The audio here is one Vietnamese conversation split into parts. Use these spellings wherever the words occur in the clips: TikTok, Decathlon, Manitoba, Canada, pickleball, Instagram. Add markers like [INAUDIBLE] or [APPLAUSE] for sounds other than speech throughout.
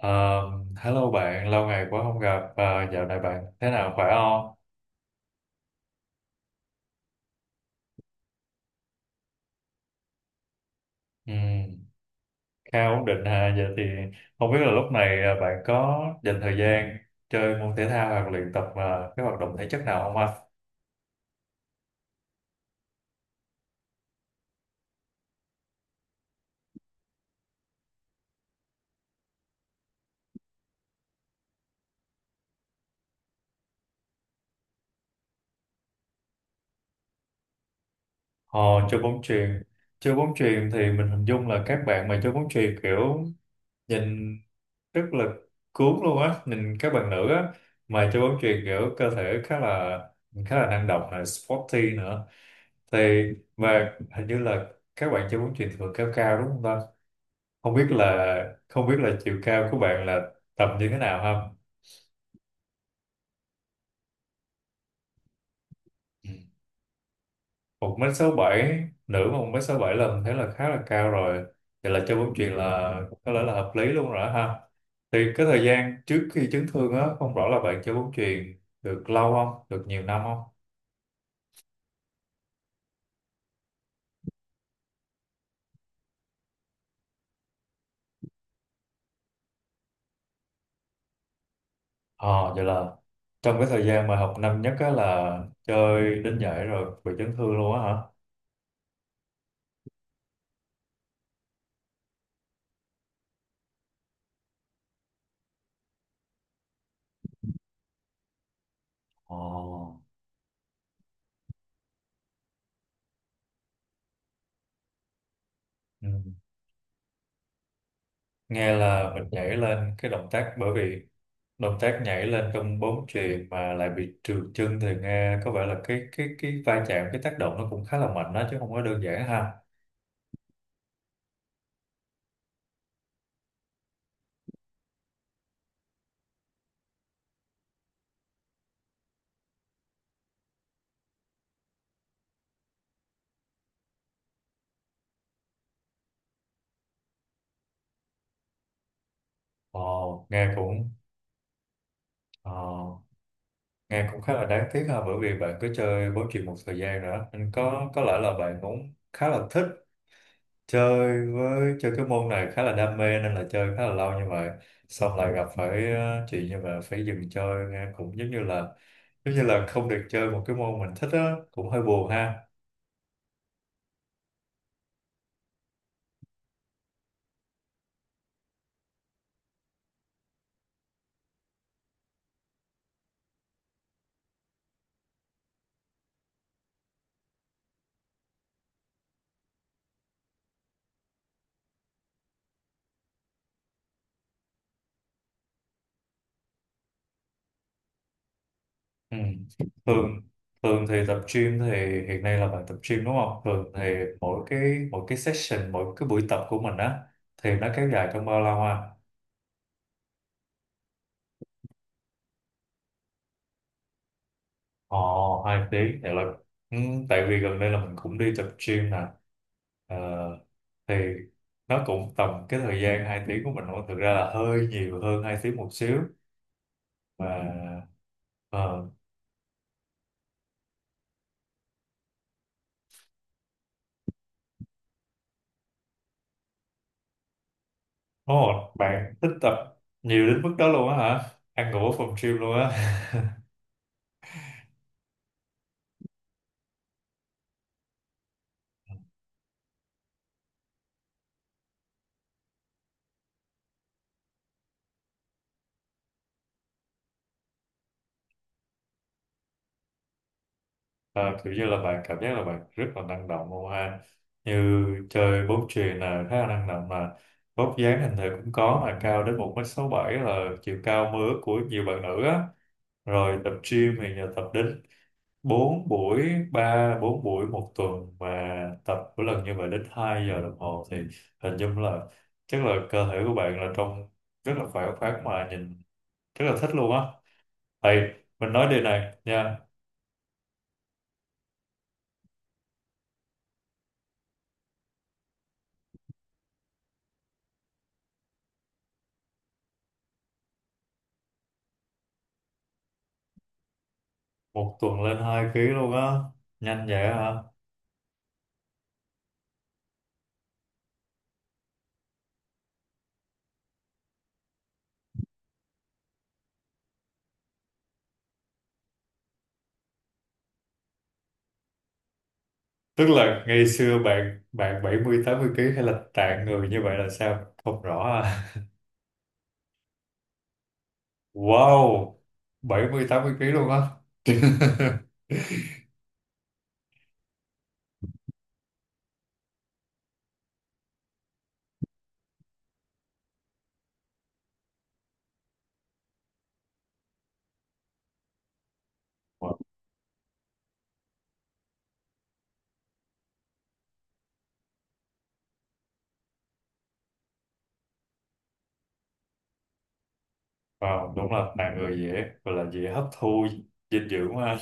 Ờ, hello bạn, lâu ngày quá không gặp. Ờ, dạo này bạn thế nào, khỏe không? Ừ, khá ổn định ha. Giờ thì không biết là lúc này bạn có dành thời gian chơi môn thể thao hoặc luyện tập cái hoạt động thể chất nào không ạ? Ờ, chơi bóng chuyền. Chơi bóng chuyền thì mình hình dung là các bạn mà chơi bóng chuyền kiểu nhìn rất là cuốn luôn á, nhìn các bạn nữ á mà chơi bóng chuyền kiểu cơ thể khá là năng động, là sporty nữa. Thì mà hình như là các bạn chơi bóng chuyền thường cao cao đúng không ta, không biết là chiều cao của bạn là tầm như thế nào không? Ừ. 1m67 nữ, mà 1m67 là mình thấy là khá là cao rồi, vậy là chơi bóng chuyền là có lẽ là hợp lý luôn rồi đó ha. Thì cái thời gian trước khi chấn thương á, không rõ là bạn chơi bóng chuyền được lâu không, được nhiều năm không? Ờ vậy là trong cái thời gian mà học năm nhất á là chơi đến giải rồi bị chấn thương luôn á hả? Ồ. Ừ. Nghe là mình nhảy lên cái động tác, bởi vì động tác nhảy lên trong bóng chuyền mà lại bị trượt chân thì nghe có vẻ là cái va chạm, cái tác động nó cũng khá là mạnh đó chứ không có đơn giản ha. Ồ nghe cũng ồ, nghe cũng khá là đáng tiếc ha, bởi vì bạn cứ chơi bóng chuyền một thời gian nữa nên có lẽ là bạn cũng khá là thích chơi, với chơi cái môn này khá là đam mê nên là chơi khá là lâu, nhưng mà xong lại gặp phải chuyện như mà phải dừng chơi, nghe cũng giống như là không được chơi một cái môn mình thích á, cũng hơi buồn ha. Ừ. Thường thường thì tập gym thì hiện nay là bạn tập gym đúng không, thường thì mỗi cái buổi tập của mình á thì nó kéo dài trong bao lâu ha? Ờ, hai tí thì là ừ, Tại vì gần đây là mình cũng đi tập gym nè. Ờ, thì nó cũng tầm cái thời gian 2 tiếng của mình thôi, thực ra là hơi nhiều hơn 2 tiếng một xíu mà. Ờ, ồ, bạn thích tập nhiều đến mức đó luôn á hả? Ăn ngủ ở phòng gym luôn á? Ờ, kiểu như là bạn cảm giác là bạn rất là năng động luôn ha, như chơi bóng chuyền là khá là năng động mà vóc dáng hình thể cũng có, mà cao đến 1m67 là chiều cao mơ ước của nhiều bạn nữ á, rồi tập gym thì giờ tập đến 4 buổi ba bốn buổi một tuần và tập mỗi lần như vậy đến 2 giờ đồng hồ, thì hình dung là chắc là cơ thể của bạn là trông rất là khỏe khoắn mà nhìn rất là thích luôn á. Thầy, mình nói điều này nha. Một tuần lên 2 ký luôn á, nhanh vậy hả? Tức là ngày xưa bạn bạn 70-80 ký hay là tạng người như vậy là sao, không rõ à? [LAUGHS] Wow, 70-80 ký luôn á. [LAUGHS] Wow, đúng là tạng người dễ, gọi là dễ hấp thu dinh dưỡng mà.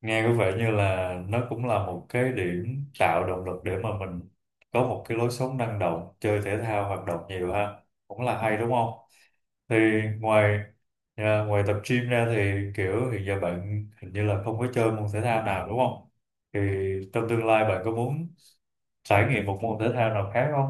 Nghe có vẻ như là nó cũng là một cái điểm tạo động lực để mà mình có một cái lối sống năng động, chơi thể thao hoạt động nhiều ha, cũng là hay đúng không? Thì ngoài ngoài tập gym ra thì kiểu hiện giờ bạn hình như là không có chơi môn thể thao nào đúng không, thì trong tương lai bạn có muốn trải nghiệm một môn thể thao nào khác không?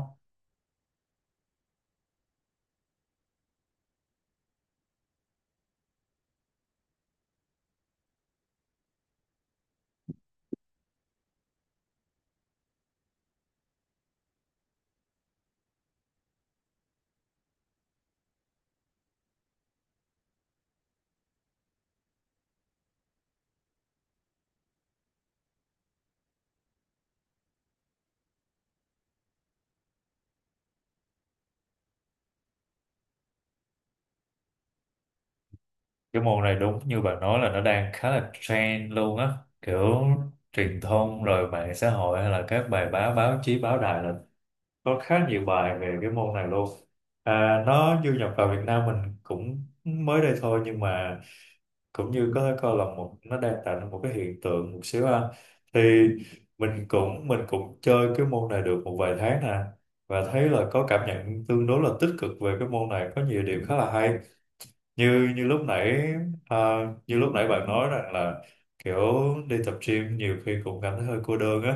Cái môn này đúng như bạn nói là nó đang khá là trend luôn á, kiểu truyền thông rồi mạng xã hội hay là các bài báo, báo chí, báo đài là có khá nhiều bài về cái môn này luôn. Nó du nhập vào Việt Nam mình cũng mới đây thôi, nhưng mà cũng như có thể coi là nó đang tạo ra một cái hiện tượng một xíu ha. Thì mình cũng chơi cái môn này được một vài tháng nè, và thấy là có cảm nhận tương đối là tích cực về cái môn này, có nhiều điểm khá là hay. Như như lúc nãy à, như lúc nãy bạn nói rằng là kiểu đi tập gym nhiều khi cũng cảm thấy hơi cô đơn á,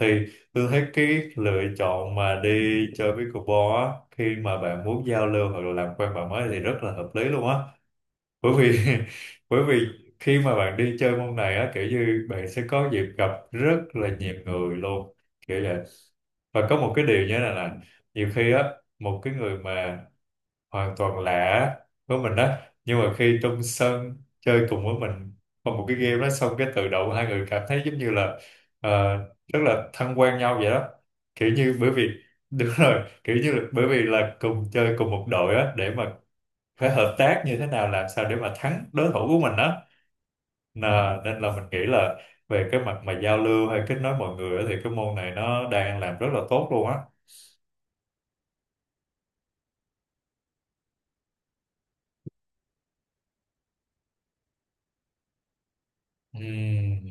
thì tôi thấy cái lựa chọn mà đi chơi pickleball á, khi mà bạn muốn giao lưu hoặc là làm quen bạn mới thì rất là hợp lý luôn á, bởi vì [LAUGHS] bởi vì khi mà bạn đi chơi môn này á kiểu như bạn sẽ có dịp gặp rất là nhiều người luôn, kiểu vậy. Và có một cái điều như thế này là, nhiều khi á, một cái người mà hoàn toàn lạ với mình đó, nhưng mà khi trong sân chơi cùng với mình, qua một cái game đó xong cái tự động hai người cảm thấy giống như là ờ, rất là thân quen nhau vậy đó, kiểu như bởi vì [LAUGHS] đúng rồi, kiểu như là, bởi vì là cùng chơi cùng một đội á để mà phải hợp tác như thế nào, làm sao để mà thắng đối thủ của mình đó. Nên là mình nghĩ là về cái mặt mà giao lưu hay kết nối mọi người á, thì cái môn này nó đang làm rất là tốt luôn á. Ừ,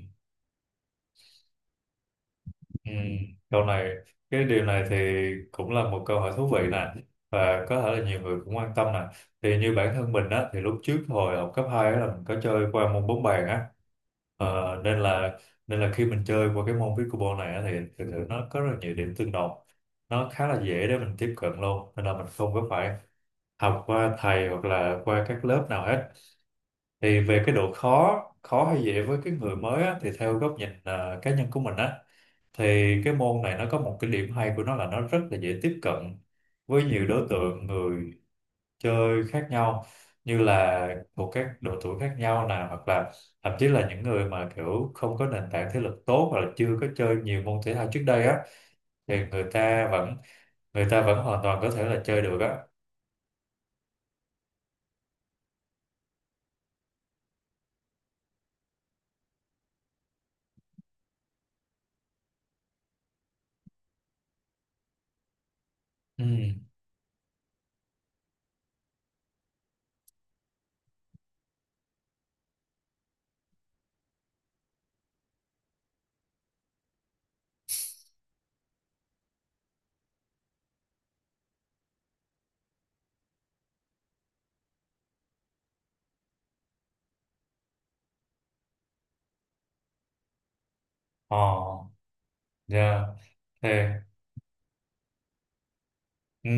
ừ. Câu này cái điều này thì cũng là một câu hỏi thú vị nè, và có thể là nhiều người cũng quan tâm nè, thì như bản thân mình á thì lúc trước hồi học cấp 2 á là mình có chơi qua môn bóng bàn á. Ờ, nên là nên là khi mình chơi qua cái môn pickleball này á, thì thực sự nó có rất là nhiều điểm tương đồng, nó khá là dễ để mình tiếp cận luôn, nên là mình không có phải học qua thầy hoặc là qua các lớp nào hết. Thì về cái độ khó khó hay dễ với cái người mới á, thì theo góc nhìn cá nhân của mình á thì cái môn này nó có một cái điểm hay của nó là nó rất là dễ tiếp cận với nhiều đối tượng người chơi khác nhau, như là thuộc các độ tuổi khác nhau nè, hoặc là thậm chí là những người mà kiểu không có nền tảng thể lực tốt hoặc là chưa có chơi nhiều môn thể thao trước đây á thì người ta vẫn hoàn toàn có thể là chơi được á. Ừ, ờ yeah. Ừ,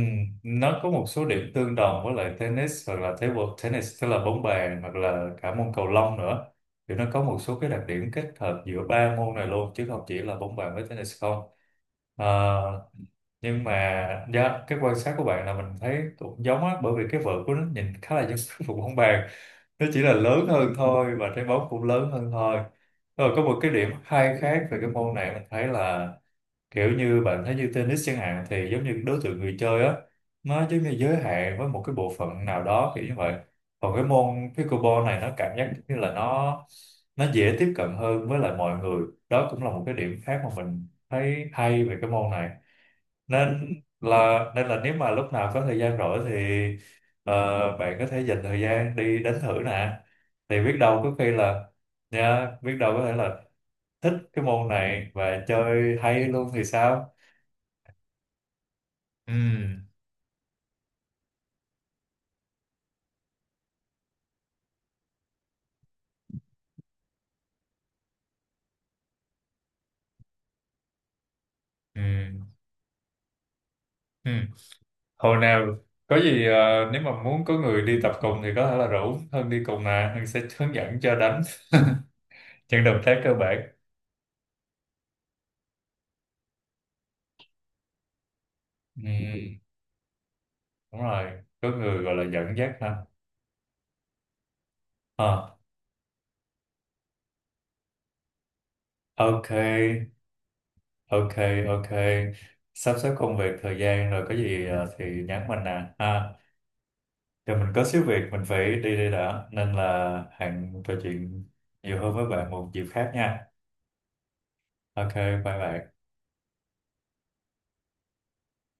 nó có một số điểm tương đồng với lại tennis hoặc là table tennis tức là bóng bàn, hoặc là cả môn cầu lông nữa, thì nó có một số cái đặc điểm kết hợp giữa ba môn này luôn chứ không chỉ là bóng bàn với tennis không. À, nhưng mà dạ, cái quan sát của bạn là mình thấy cũng giống á, bởi vì cái vợt của nó nhìn khá là giống [LAUGHS] cái vụ bóng bàn, nó chỉ là lớn hơn thôi và trái bóng cũng lớn hơn thôi. Rồi có một cái điểm hay khác về cái môn này mình thấy là, kiểu như bạn thấy như tennis chẳng hạn thì giống như đối tượng người chơi á nó giống như giới hạn với một cái bộ phận nào đó kiểu như vậy, còn cái môn pickleball này nó cảm giác như là nó dễ tiếp cận hơn với lại mọi người đó, cũng là một cái điểm khác mà mình thấy hay về cái môn này. Nên là nên là nếu mà lúc nào có thời gian rỗi thì bạn có thể dành thời gian đi đánh thử nè, thì biết đâu có khi là nha, biết đâu có thể là thích cái môn này và chơi hay luôn thì sao. Ừ, ừ, ừ. Hồi nào có gì nếu mà muốn có người đi tập cùng thì có thể là rủ Hân đi cùng nè, Hân sẽ hướng dẫn cho đánh những động tác cơ bản. Ừ, đúng rồi, có người gọi là dẫn dắt ha. Ờ, ok, ok, ok, sắp xếp công việc thời gian rồi có gì thì nhắn mình nè ha. Giờ mình có xíu việc mình phải đi đây đã, nên là hẹn trò chuyện nhiều hơn với bạn một dịp khác nha. Ok, bye bạn.